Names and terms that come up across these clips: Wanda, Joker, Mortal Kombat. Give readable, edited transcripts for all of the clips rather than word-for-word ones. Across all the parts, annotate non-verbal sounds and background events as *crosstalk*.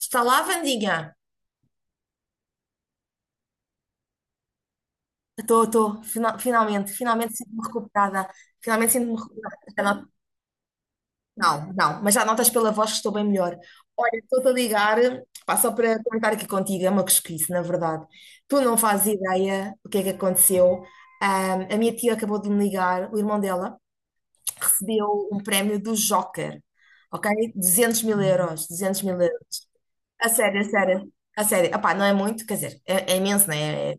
Está lá, Vandinha? Estou, estou. Finalmente sinto-me recuperada. Finalmente sinto-me recuperada. Já. Não, não, não, mas já notas pela voz que estou bem melhor. Olha, estou-te a ligar, pá, só para comentar aqui contigo, é uma cosquice, na verdade. Tu não fazes ideia o que é que aconteceu. A minha tia acabou de me ligar, o irmão dela recebeu um prémio do Joker, ok? 200 mil euros, 200 mil euros. A sério, a sério, a sério. Opá, não é muito, quer dizer, é imenso, não é? É-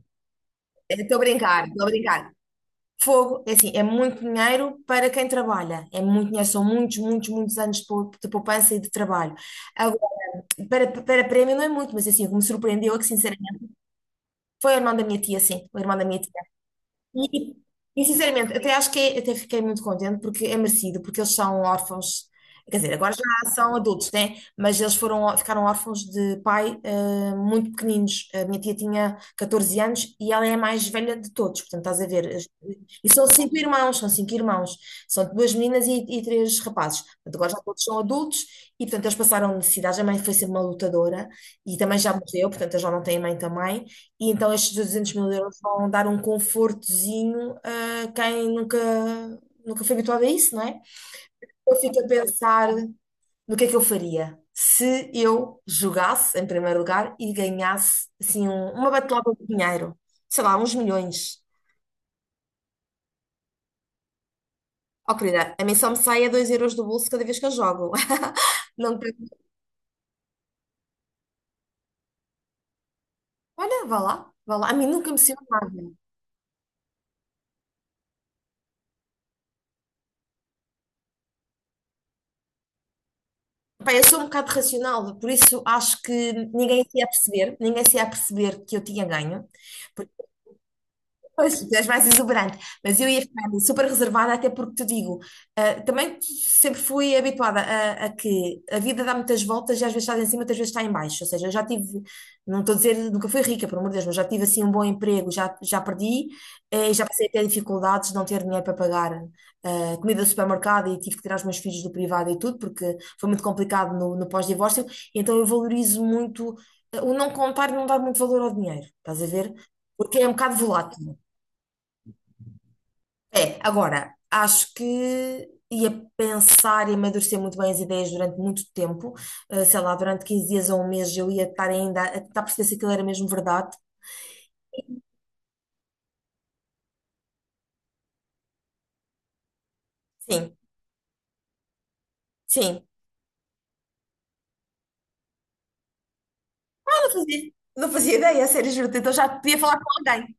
é, Estou a brincar, estou a brincar. Fogo, é assim, é muito dinheiro para quem trabalha. É muito dinheiro, são muitos, muitos, muitos anos de poupança e de trabalho. Agora, para prémio não é muito, mas assim, o que me surpreendeu é que, sinceramente, foi o irmão da minha tia, sim. O irmão da minha tia. E, e, sinceramente, até acho que é, até fiquei muito contente porque é merecido, porque eles são órfãos, quer dizer, agora já são adultos, né? Mas eles foram, ficaram órfãos de pai muito pequeninos. A minha tia tinha 14 anos e ela é a mais velha de todos, portanto, estás a ver. E são cinco irmãos, são cinco irmãos, são duas meninas e três rapazes. Portanto, agora já todos são adultos e, portanto, eles passaram necessidades. A mãe foi sempre uma lutadora e também já morreu, portanto, eles já não têm mãe também. E então estes 200 mil euros vão dar um confortozinho a quem nunca, nunca foi habituado a isso, não é? Eu fico a pensar no que é que eu faria se eu jogasse, em primeiro lugar, e ganhasse assim, uma batelada de dinheiro, sei lá, uns milhões. Oh, querida, a mim só me sai a 2 euros do bolso cada vez que eu jogo. *laughs* Não, olha, vá lá, vá lá. A mim nunca me saiu nada. Pá, eu sou um bocado racional, por isso acho que ninguém se ia perceber, ninguém se ia perceber que eu tinha ganho. Pois, tu és mais exuberante, mas eu ia ficar super reservada, até porque te digo, também sempre fui habituada a que a vida dá muitas voltas e às vezes estás em cima, outras vezes está em baixo. Ou seja, eu já tive, não estou a dizer, nunca fui rica, pelo amor de Deus, mas já tive assim um bom emprego, já perdi, já passei a ter dificuldades de não ter dinheiro para pagar comida do supermercado e tive que tirar os meus filhos do privado e tudo, porque foi muito complicado no pós-divórcio. Então eu valorizo muito o não contar e não dar muito valor ao dinheiro, estás a ver? Porque é um bocado volátil. É, agora, acho que ia pensar e amadurecer muito bem as ideias durante muito tempo. Sei lá, durante 15 dias ou um mês eu ia estar ainda a tentar perceber se aquilo era mesmo verdade. Sim, sim. Eu não fazia, não fazia ideia, a sério, juro. Então já podia falar com alguém.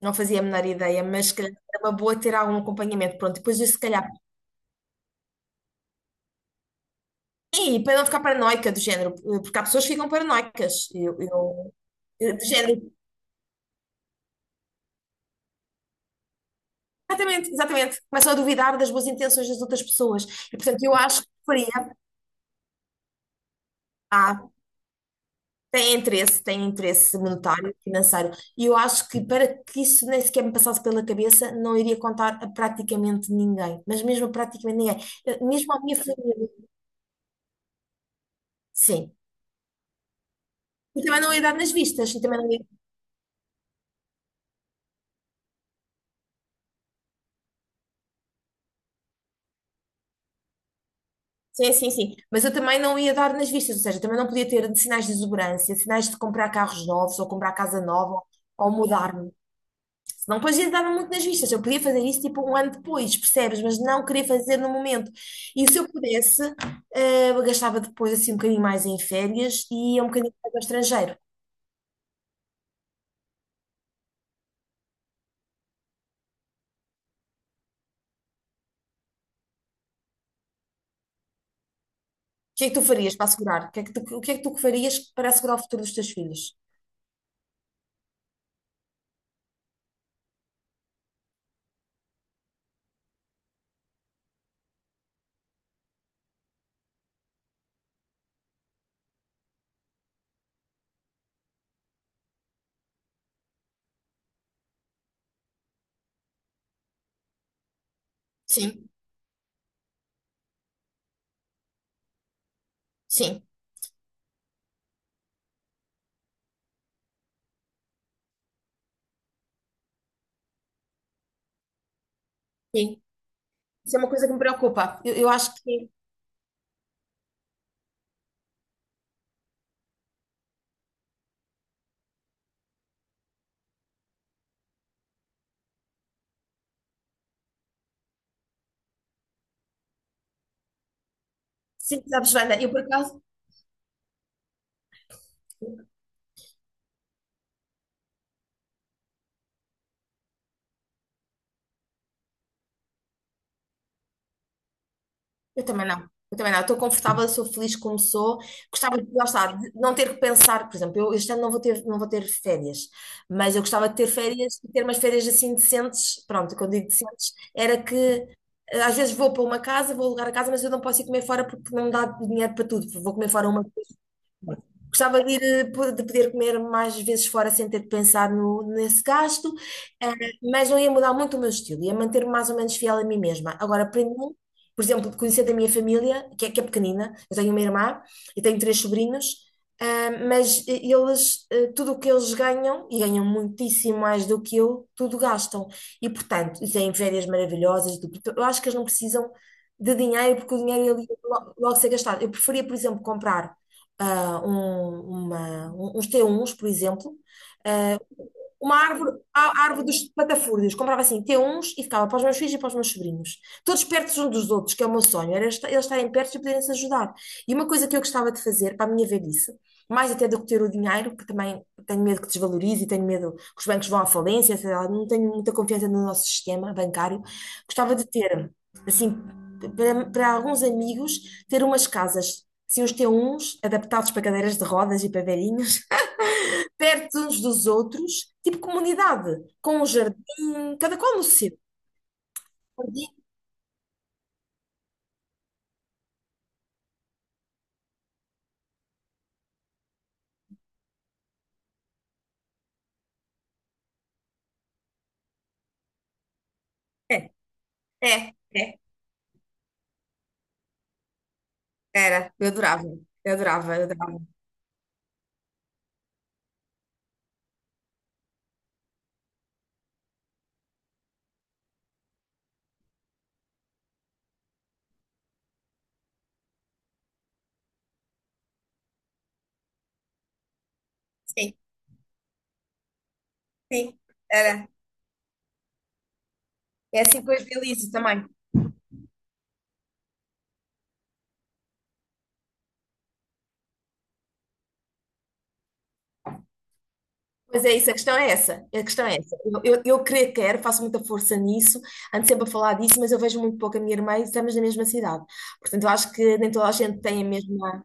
Não fazia a menor ideia, mas se calhar era uma boa ter algum acompanhamento. Pronto, depois eu se calhar. E para não ficar paranoica do género, porque há pessoas que ficam paranoicas. Do género, exatamente, exatamente. Começam a duvidar das boas intenções das outras pessoas. E, portanto, eu acho que faria, ah, tem interesse monetário, financeiro. E eu acho que para que isso nem sequer me passasse pela cabeça, não iria contar a praticamente ninguém. Mas mesmo a praticamente ninguém. Mesmo à minha família. Sim. E também não ia dar nas vistas. E também não ia... Sim, sim, sim. Mas eu também não ia dar nas vistas. Ou seja, também não podia ter sinais de exuberância, sinais de comprar carros novos, ou comprar casa nova, ou mudar-me. Senão depois dava muito nas vistas. Eu podia fazer isso tipo um ano depois, percebes? Mas não queria fazer no momento. E se eu pudesse, eu gastava depois assim um bocadinho mais em férias e ia um bocadinho mais ao estrangeiro. O que é que tu farias para assegurar? O que é que tu farias para assegurar o futuro dos teus filhos? Sim, sim, sim. Isso é uma coisa que me preocupa. Eu acho que sim, sabes, Wanda, eu por acaso. Eu também não. Eu também não. Estou confortável, sou feliz como sou. Gostava de, lá está, de não ter que pensar, por exemplo, eu este ano não vou ter, não vou ter férias, mas eu gostava de ter férias, de ter umas férias assim decentes. Pronto, quando digo decentes, era que às vezes vou para uma casa, vou alugar a casa, mas eu não posso ir comer fora porque não me dá dinheiro para tudo. Vou comer fora uma. Gostava de ir, de poder comer mais vezes fora sem ter de pensar no, nesse gasto, eh, mas não ia mudar muito o meu estilo, ia manter-me mais ou menos fiel a mim mesma. Agora, para mim, por exemplo, conhecer da minha família, que é pequenina, eu tenho uma irmã e tenho três sobrinhos, mas tudo o que eles ganham, e ganham muitíssimo mais do que eu, tudo gastam. E, portanto, e têm férias maravilhosas, e tudo. Então, eu acho que eles não precisam de dinheiro, porque o dinheiro ele ia logo ser gastado. Eu preferia, por exemplo, comprar uns t T1 por exemplo, ah, uma árvore, a árvore dos patafúrdios. Comprava assim T1s e ficava para os meus filhos e para os meus sobrinhos. Todos perto uns dos outros, que é o meu sonho. Eles estarem perto e poderem se ajudar. E uma coisa que eu gostava de fazer para a minha velhice, mais até do que ter o dinheiro, que também tenho medo que desvalorize e tenho medo que os bancos vão à falência, sei lá, não tenho muita confiança no nosso sistema bancário. Gostava de ter, assim, para alguns amigos, ter umas casas. Assim, os T1s adaptados para cadeiras de rodas e para velhinhos, perto uns dos outros, tipo comunidade, com um jardim, cada qual no seu. Jardim. É, é, é, eu adorava, eu adorava, eu adorava. Sim, sim, era. É assim que eu idealizo também. Mas é isso, a questão é essa, a questão é essa. Eu creio que quero, faço muita força nisso, ando sempre a falar disso, mas eu vejo muito pouco a minha irmã e estamos na mesma cidade. Portanto, eu acho que nem toda a gente tem a mesma.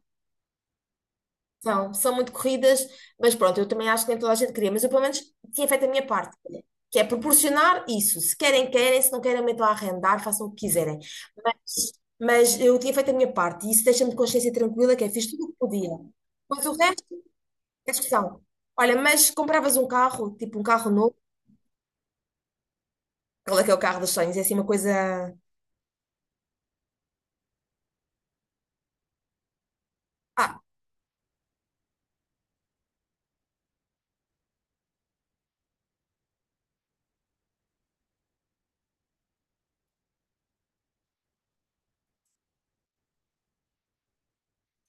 São muito corridas, mas pronto, eu também acho que nem toda a gente queria, mas eu pelo menos tinha feito a minha parte, olha, que é proporcionar isso. Se querem, querem, se não querem, metam a arrendar, façam o que quiserem. Mas, mas eu tinha feito a minha parte e isso deixa-me de consciência tranquila, que é fiz tudo o que podia. Mas o resto é discussão. Olha, mas compravas um carro, tipo um carro novo, aquele que é o carro dos sonhos, é assim uma coisa. Ah,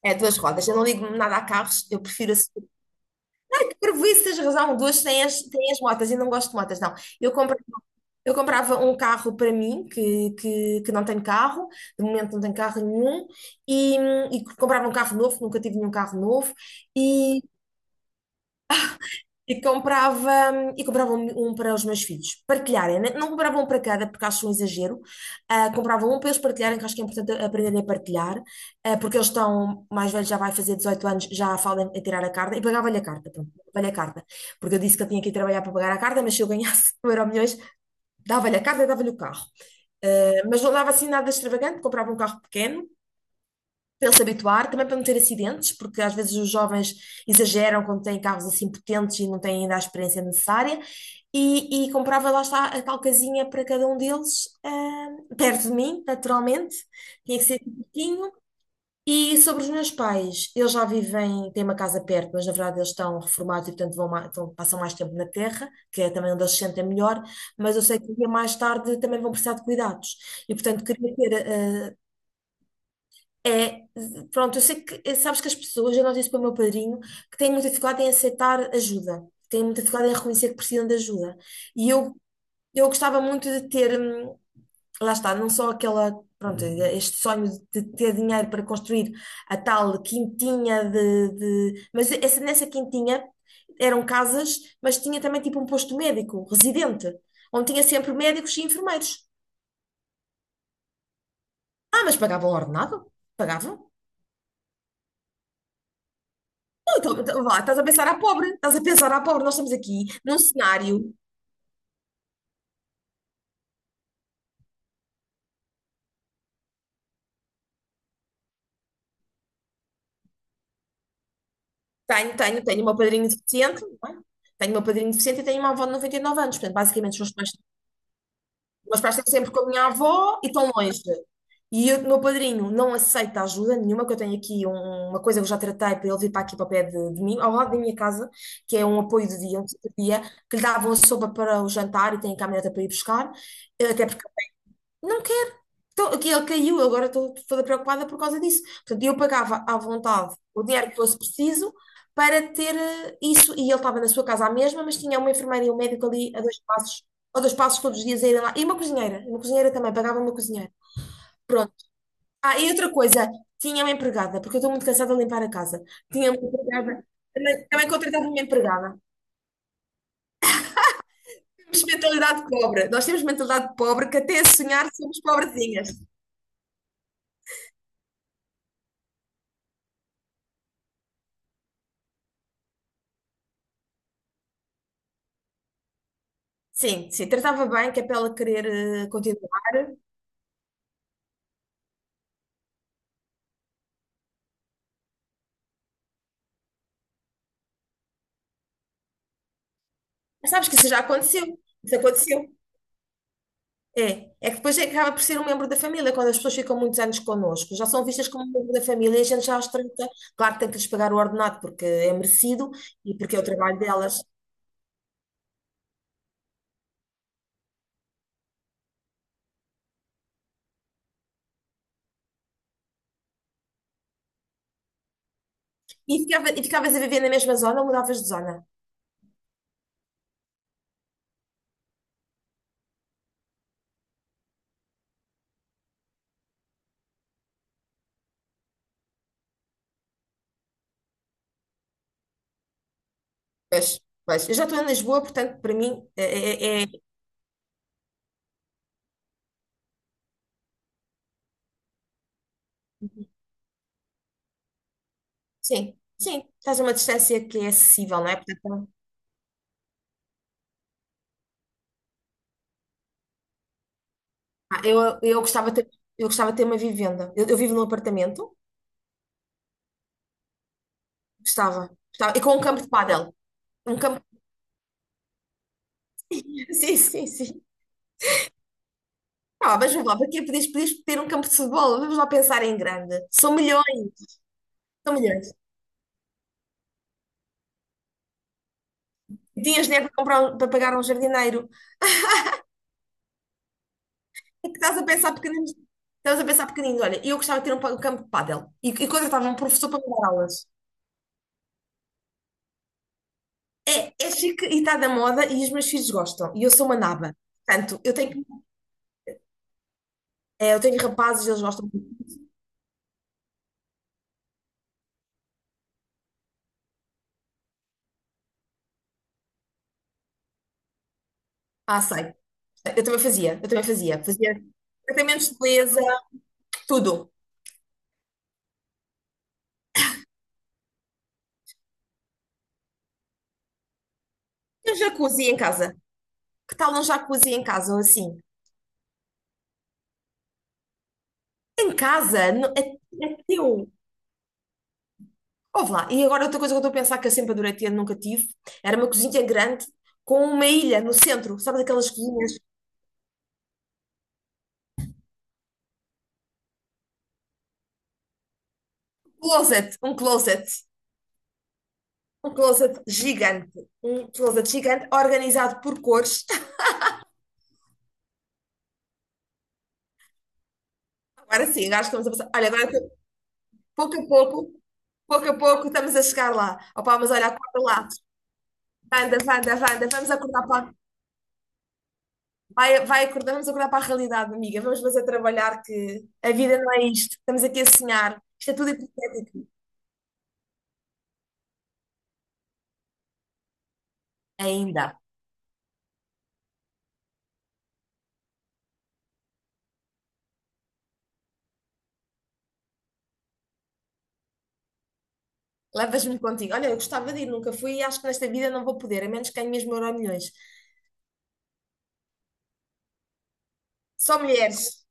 é duas rodas. Eu não ligo nada a carros, eu prefiro assim. Prejuízo, tens razão, duas têm têm as motas e não gosto de motas, não. Eu compro. Eu comprava um carro para mim, que não tenho carro, de momento não tenho carro nenhum, e, e comprava um carro novo, nunca tive nenhum carro novo, e, e comprava, e comprava um para os meus filhos partilharem, né? Não comprava um para cada, porque acho um exagero, comprava um para eles partilharem, que acho que é importante aprenderem a partilhar, porque eles estão, mais velhos já vai fazer 18 anos, já falam em tirar a carta, e pagava-lhe a carta, pronto, pagava-lhe a carta, porque eu disse que eu tinha que ir trabalhar para pagar a carta, mas se eu ganhasse *laughs* 1 euro milhões, dava-lhe a carta e dava-lhe o carro. Mas não dava assim nada extravagante, comprava um carro pequeno para ele se habituar, também para não ter acidentes, porque às vezes os jovens exageram quando têm carros assim potentes e não têm ainda a experiência necessária. E comprava lá está a tal casinha para cada um deles, perto de mim, naturalmente. Tinha que ser pequenininho, e sobre os meus pais, eles já vivem, têm uma casa perto, mas na verdade eles estão reformados e, portanto, vão, passam mais tempo na terra, que é também onde eles se sentem melhor, mas eu sei que um dia mais tarde também vão precisar de cuidados. E, portanto, queria ter. É, pronto, eu sei que, sabes que as pessoas, eu noto isso para o meu padrinho, que têm muita dificuldade em aceitar ajuda, têm muita dificuldade em reconhecer que precisam de ajuda. E eu eu gostava muito de ter, lá está, não só aquela, pronto, este sonho de ter dinheiro para construir a tal quintinha mas essa, nessa quintinha eram casas, mas tinha também tipo um posto médico, residente, onde tinha sempre médicos e enfermeiros. Ah, mas pagavam ordenado? Pagavam? Não, então, então, vá, estás a pensar à pobre, estás a pensar à pobre, nós estamos aqui num cenário, tenho uma padrinha deficiente, não é? Tenho uma padrinha deficiente e tenho uma avó de 99 anos, portanto, basicamente, se fosse mais. Meus pais estão sempre com a minha avó e estão longe. E o meu padrinho não aceita ajuda nenhuma, que eu tenho aqui uma coisa que eu já tratei para ele vir para aqui para o pé de mim, ao lado da minha casa, que é um apoio de dia, um tipo de dia, que lhe davam a sopa para o jantar e tem a caminhoneta para ir buscar, até porque não quero. Tô- que Ele caiu, agora estou toda preocupada por causa disso. Portanto, eu pagava à vontade o dinheiro que fosse preciso para ter isso. E ele estava na sua casa à mesma, mas tinha uma enfermeira e um médico ali a dois passos todos os dias a irem lá. E uma cozinheira também, pagava uma cozinheira. Pronto. Ah, e outra coisa, tinha uma empregada, porque eu estou muito cansada de limpar a casa. Tinha uma empregada, também contratava uma empregada. Temos mentalidade pobre, nós temos mentalidade pobre que até a sonhar somos pobrezinhas. Sim, sim, tratava bem, que é para ela querer continuar. Mas sabes que isso já aconteceu. Isso aconteceu. É, é que depois é que acaba por ser um membro da família, quando as pessoas ficam muitos anos connosco, já são vistas como um membro da família e a gente já as trata. Claro que tem que lhes pagar o ordenado porque é merecido e porque é o trabalho delas. E ficava, e ficavas a viver na mesma zona ou mudavas de zona? Pois, pois. Eu já estou em Lisboa, portanto, para mim, é- é- sim, sim, estás a uma distância que é acessível, não é? Portanto, eu gostava de ter, eu gostava de ter uma vivenda. Eu vivo num apartamento, gostava, gostava. E com um campo de pádel. Um campo. *laughs* Sim, sim, sim. Ah, mas vamos lá, para quê? Podias, podias ter um campo de futebol? Vamos lá pensar em grande. São milhões, são milhões. E tinhas dinheiro para comprar, para pagar um jardineiro. É que estás a pensar pequenino. Estás a pensar pequenino. Olha, eu gostava de ter um, um campo de pádel. E contratava um professor para me dar aulas. É, é chique e está da moda e os meus filhos gostam. E eu sou uma naba. Portanto, eu tenho, é, eu tenho rapazes, eles gostam. Muito. Ah, sei. Eu também fazia, eu também fazia. Fazia tratamentos de beleza, tudo. E um jacuzzi em casa. Que tal um jacuzzi em casa ou assim? Em casa? É, é teu. Ouve lá. E agora outra coisa que eu estou a pensar que eu sempre adorei ter, nunca tive, era uma cozinha grande com uma ilha no centro. Sabes aquelas cozinhas? Um closet, um closet. Um closet gigante. Um closet gigante organizado por cores. *laughs* Agora sim, acho que estamos a passar. Olha, agora pouco a pouco, pouco a pouco estamos a chegar lá. Opá, mas olha, acorda lá. Wanda, Wanda, Wanda, vamos acordar para, vai, vai acordar, vamos acordar para a realidade, amiga. Vamos fazer trabalhar que a vida não é isto. Estamos aqui a sonhar. Isto é tudo hipotético. Ainda. Levas-me contigo. Olha, eu gostava de ir, nunca fui e acho que nesta vida não vou poder, a menos que ganhe mesmo milhões. Só mulheres.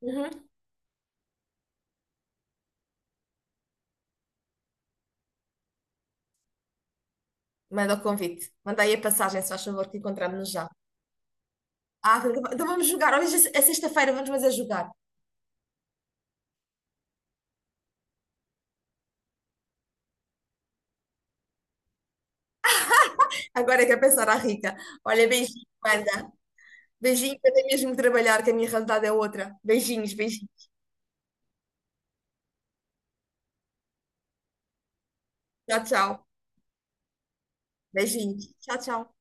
Uhum. Manda o convite. Manda aí a passagem, se faz favor, que encontramos-nos já. Ah, então vamos jogar. Olha, já é sexta-feira, vamos fazer jogar. Agora é que é pensar à rica. Olha, beijinho, Wanda. Beijinho, eu tenho mesmo que trabalhar, que a minha realidade é outra. Beijinhos, beijinhos. Tchau, tchau. Beijinho. Tchau, tchau.